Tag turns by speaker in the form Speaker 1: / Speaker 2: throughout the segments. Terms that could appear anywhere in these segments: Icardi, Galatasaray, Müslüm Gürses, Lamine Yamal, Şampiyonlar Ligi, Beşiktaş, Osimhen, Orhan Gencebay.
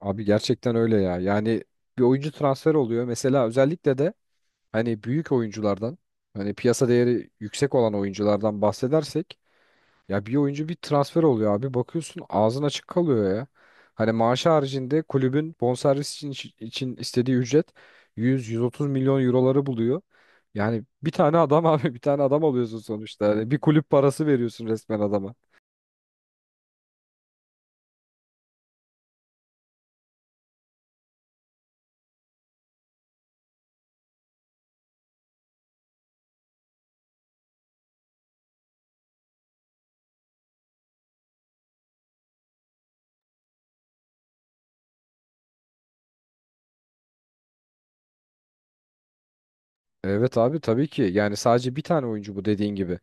Speaker 1: Abi gerçekten öyle ya. Yani bir oyuncu transfer oluyor. Mesela özellikle de hani büyük oyunculardan hani piyasa değeri yüksek olan oyunculardan bahsedersek ya bir oyuncu bir transfer oluyor abi. Bakıyorsun ağzın açık kalıyor ya. Hani maaşı haricinde kulübün bonservis için istediği ücret 100-130 milyon euroları buluyor. Yani bir tane adam abi bir tane adam alıyorsun sonuçta. Hani bir kulüp parası veriyorsun resmen adama. Evet abi tabii ki. Yani sadece bir tane oyuncu bu dediğin gibi.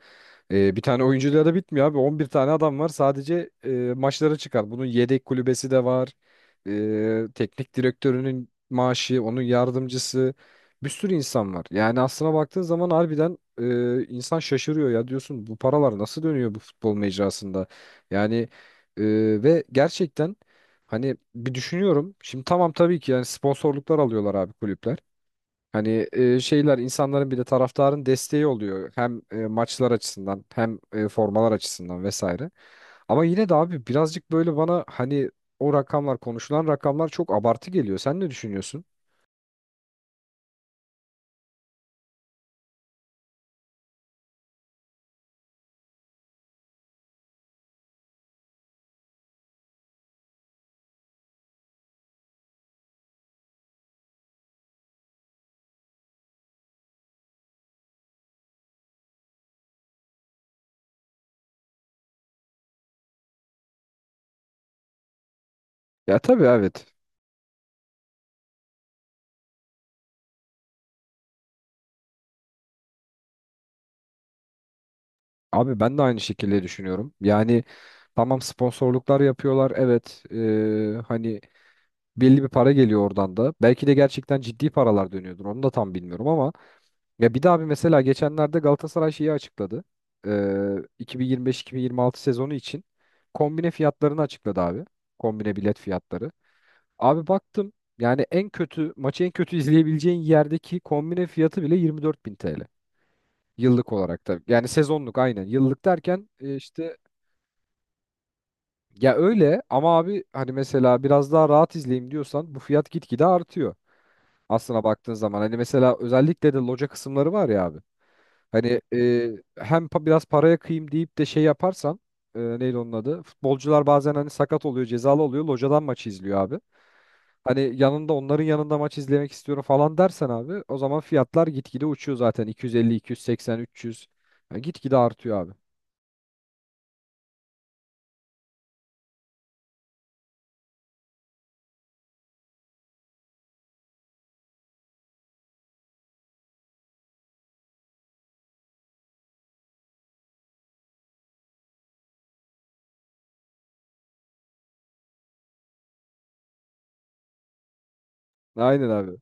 Speaker 1: Bir tane oyuncuyla da bitmiyor abi. 11 tane adam var sadece maçlara çıkan. Bunun yedek kulübesi de var. Teknik direktörünün maaşı, onun yardımcısı. Bir sürü insan var. Yani aslına baktığın zaman harbiden insan şaşırıyor ya diyorsun bu paralar nasıl dönüyor bu futbol mecrasında? Yani e, ve gerçekten hani bir düşünüyorum. Şimdi tamam tabii ki yani sponsorluklar alıyorlar abi kulüpler. Hani şeyler insanların bir de taraftarın desteği oluyor. Hem maçlar açısından hem formalar açısından vesaire. Ama yine de abi birazcık böyle bana hani o rakamlar konuşulan rakamlar çok abartı geliyor. Sen ne düşünüyorsun? Ya tabii evet. Abi ben de aynı şekilde düşünüyorum. Yani tamam sponsorluklar yapıyorlar. Evet hani belli bir para geliyor oradan da. Belki de gerçekten ciddi paralar dönüyordur. Onu da tam bilmiyorum ama ya bir de abi mesela geçenlerde Galatasaray şeyi açıkladı. Ee, 2025-2026 sezonu için kombine fiyatlarını açıkladı abi. Kombine bilet fiyatları. Abi baktım yani en kötü maçı en kötü izleyebileceğin yerdeki kombine fiyatı bile 24 bin TL. Yıllık olarak tabii. Yani sezonluk aynen. Yıllık derken işte ya öyle ama abi hani mesela biraz daha rahat izleyeyim diyorsan bu fiyat gitgide artıyor, aslına baktığın zaman. Hani mesela özellikle de loca kısımları var ya abi. Hani hem biraz paraya kıyayım deyip de şey yaparsan neydi onun adı? Futbolcular bazen hani sakat oluyor, cezalı oluyor. Locadan maçı izliyor abi. Hani yanında onların yanında maç izlemek istiyorum falan dersen abi o zaman fiyatlar gitgide uçuyor zaten. 250, 280, 300. Yani gitgide artıyor abi. Aynen abi.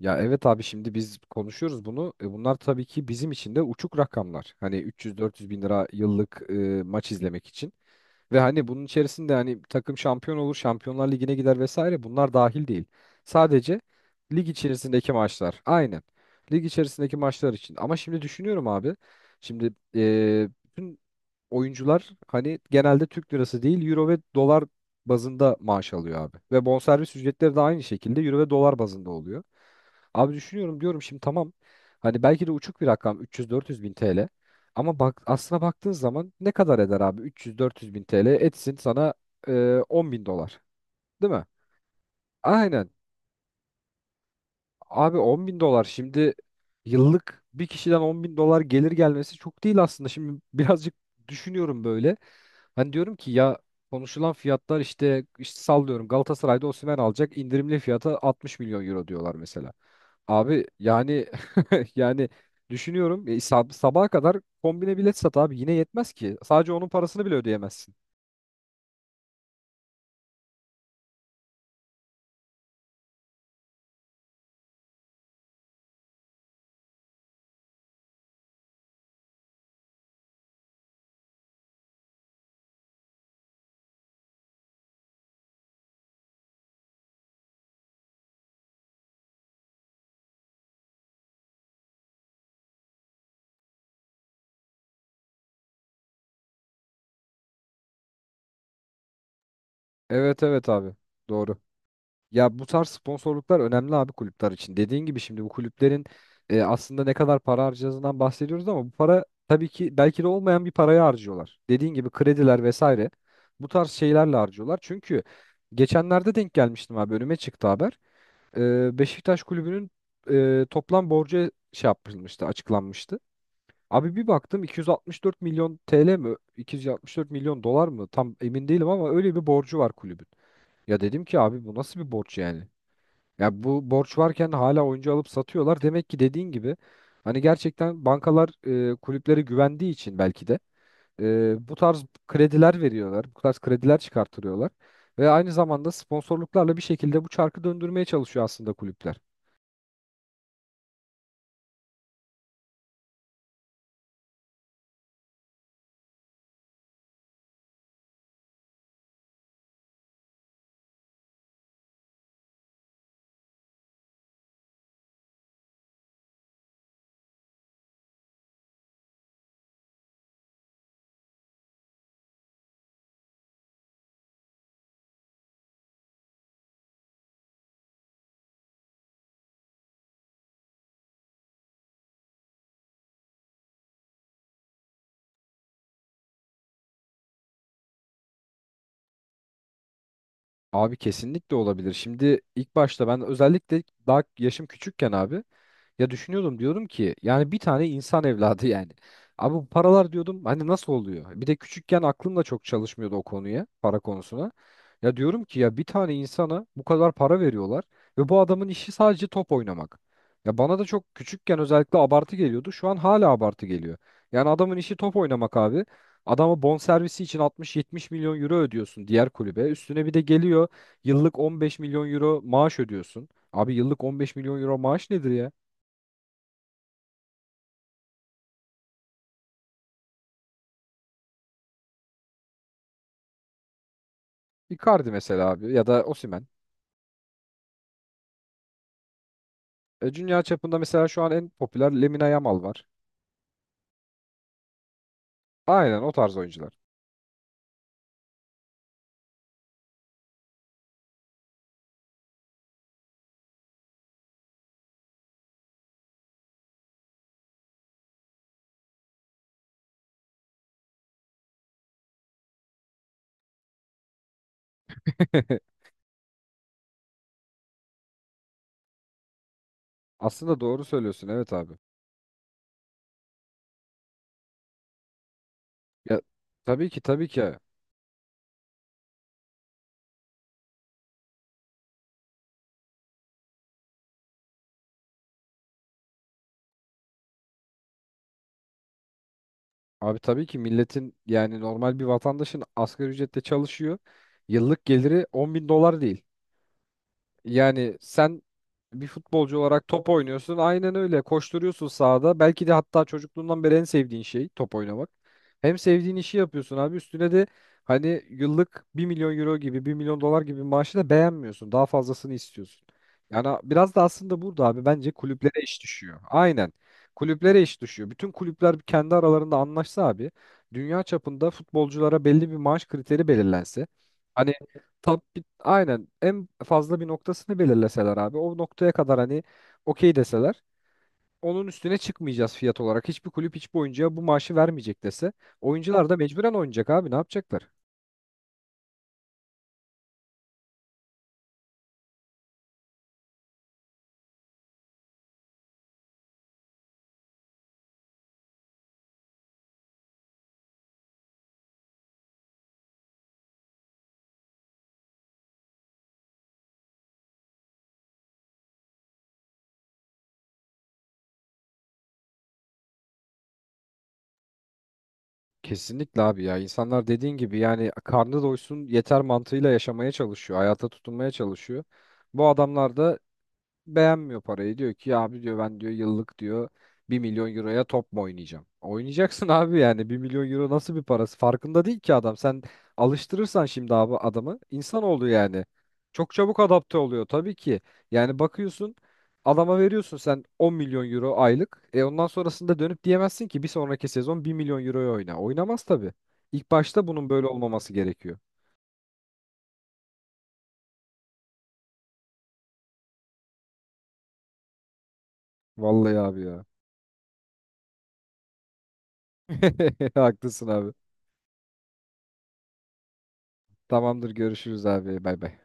Speaker 1: Ya evet abi şimdi biz konuşuyoruz bunu. Bunlar tabii ki bizim için de uçuk rakamlar. Hani 300-400 bin lira yıllık maç izlemek için. Ve hani bunun içerisinde hani takım şampiyon olur, Şampiyonlar Ligi'ne gider vesaire bunlar dahil değil. Sadece lig içerisindeki maçlar. Aynen. Lig içerisindeki maçlar için. Ama şimdi düşünüyorum abi. Şimdi bütün oyuncular hani genelde Türk lirası değil euro ve dolar bazında maaş alıyor abi. Ve bonservis ücretleri de aynı şekilde euro ve dolar bazında oluyor. Abi düşünüyorum diyorum şimdi tamam hani belki de uçuk bir rakam 300-400 bin TL ama bak aslına baktığın zaman ne kadar eder abi 300-400 bin TL etsin sana 10 bin dolar değil mi? Aynen. Abi 10 bin dolar şimdi yıllık bir kişiden 10 bin dolar gelir gelmesi çok değil aslında. Şimdi birazcık düşünüyorum böyle. Hani diyorum ki ya konuşulan fiyatlar işte sallıyorum Galatasaray'da Osimhen alacak indirimli fiyata 60 milyon euro diyorlar mesela. Abi yani yani düşünüyorum sabaha kadar kombine bilet sat abi yine yetmez ki. Sadece onun parasını bile ödeyemezsin. Evet evet abi doğru. Ya bu tarz sponsorluklar önemli abi kulüpler için. Dediğin gibi şimdi bu kulüplerin aslında ne kadar para harcadığından bahsediyoruz ama bu para tabii ki belki de olmayan bir parayı harcıyorlar. Dediğin gibi krediler vesaire bu tarz şeylerle harcıyorlar. Çünkü geçenlerde denk gelmiştim abi önüme çıktı haber. Beşiktaş kulübünün toplam borcu şey yapılmıştı, açıklanmıştı. Abi bir baktım 264 milyon TL mi? 264 milyon dolar mı? Tam emin değilim ama öyle bir borcu var kulübün. Ya dedim ki abi bu nasıl bir borç yani? Ya bu borç varken hala oyuncu alıp satıyorlar. Demek ki dediğin gibi hani gerçekten bankalar kulüplere güvendiği için belki de bu tarz krediler veriyorlar. Bu tarz krediler çıkartırıyorlar. Ve aynı zamanda sponsorluklarla bir şekilde bu çarkı döndürmeye çalışıyor aslında kulüpler. Abi kesinlikle olabilir. Şimdi ilk başta ben özellikle daha yaşım küçükken abi ya düşünüyordum diyorum ki yani bir tane insan evladı yani. Abi bu paralar diyordum hani nasıl oluyor? Bir de küçükken aklım da çok çalışmıyordu o konuya, para konusuna. Ya diyorum ki ya bir tane insana bu kadar para veriyorlar ve bu adamın işi sadece top oynamak. Ya bana da çok küçükken özellikle abartı geliyordu. Şu an hala abartı geliyor. Yani adamın işi top oynamak abi. Adama bonservisi için 60, 70 milyon euro ödüyorsun diğer kulübe. Üstüne bir de geliyor yıllık 15 milyon euro maaş ödüyorsun. Abi yıllık 15 milyon euro maaş nedir ya? Icardi mesela abi ya da Osimhen. Dünya çapında mesela şu an en popüler Lamine Yamal var. Aynen o tarz oyuncular. Aslında doğru söylüyorsun evet abi. Ya tabii ki tabii ki. Abi tabii ki milletin yani normal bir vatandaşın asgari ücretle çalışıyor. Yıllık geliri 10 bin dolar değil. Yani sen bir futbolcu olarak top oynuyorsun. Aynen öyle. Koşturuyorsun sahada. Belki de hatta çocukluğundan beri en sevdiğin şey top oynamak. Hem sevdiğin işi yapıyorsun abi. Üstüne de hani yıllık 1 milyon euro gibi 1 milyon dolar gibi bir maaşı da beğenmiyorsun. Daha fazlasını istiyorsun. Yani biraz da aslında burada abi bence kulüplere iş düşüyor. Aynen. Kulüplere iş düşüyor. Bütün kulüpler kendi aralarında anlaşsa abi dünya çapında futbolculara belli bir maaş kriteri belirlense. Hani Tab aynen en fazla bir noktasını belirleseler abi o noktaya kadar hani okey deseler onun üstüne çıkmayacağız fiyat olarak. Hiçbir kulüp hiçbir oyuncuya bu maaşı vermeyecek dese oyuncular da mecburen oynayacak abi ne yapacaklar? Kesinlikle abi ya insanlar dediğin gibi yani karnı doysun yeter mantığıyla yaşamaya çalışıyor hayata tutunmaya çalışıyor. Bu adamlar da beğenmiyor parayı. Diyor ki ya abi diyor ben diyor yıllık diyor 1 milyon euroya top mu oynayacağım? Oynayacaksın abi yani 1 milyon euro nasıl bir parası? Farkında değil ki adam. Sen alıştırırsan şimdi abi adamı insan oldu yani. Çok çabuk adapte oluyor tabii ki. Yani bakıyorsun adama veriyorsun sen 10 milyon euro aylık. Ondan sonrasında dönüp diyemezsin ki bir sonraki sezon 1 milyon euroya oyna. Oynamaz tabii. İlk başta bunun böyle olmaması gerekiyor. Vallahi abi ya. Haklısın abi. Tamamdır görüşürüz abi. Bay bay.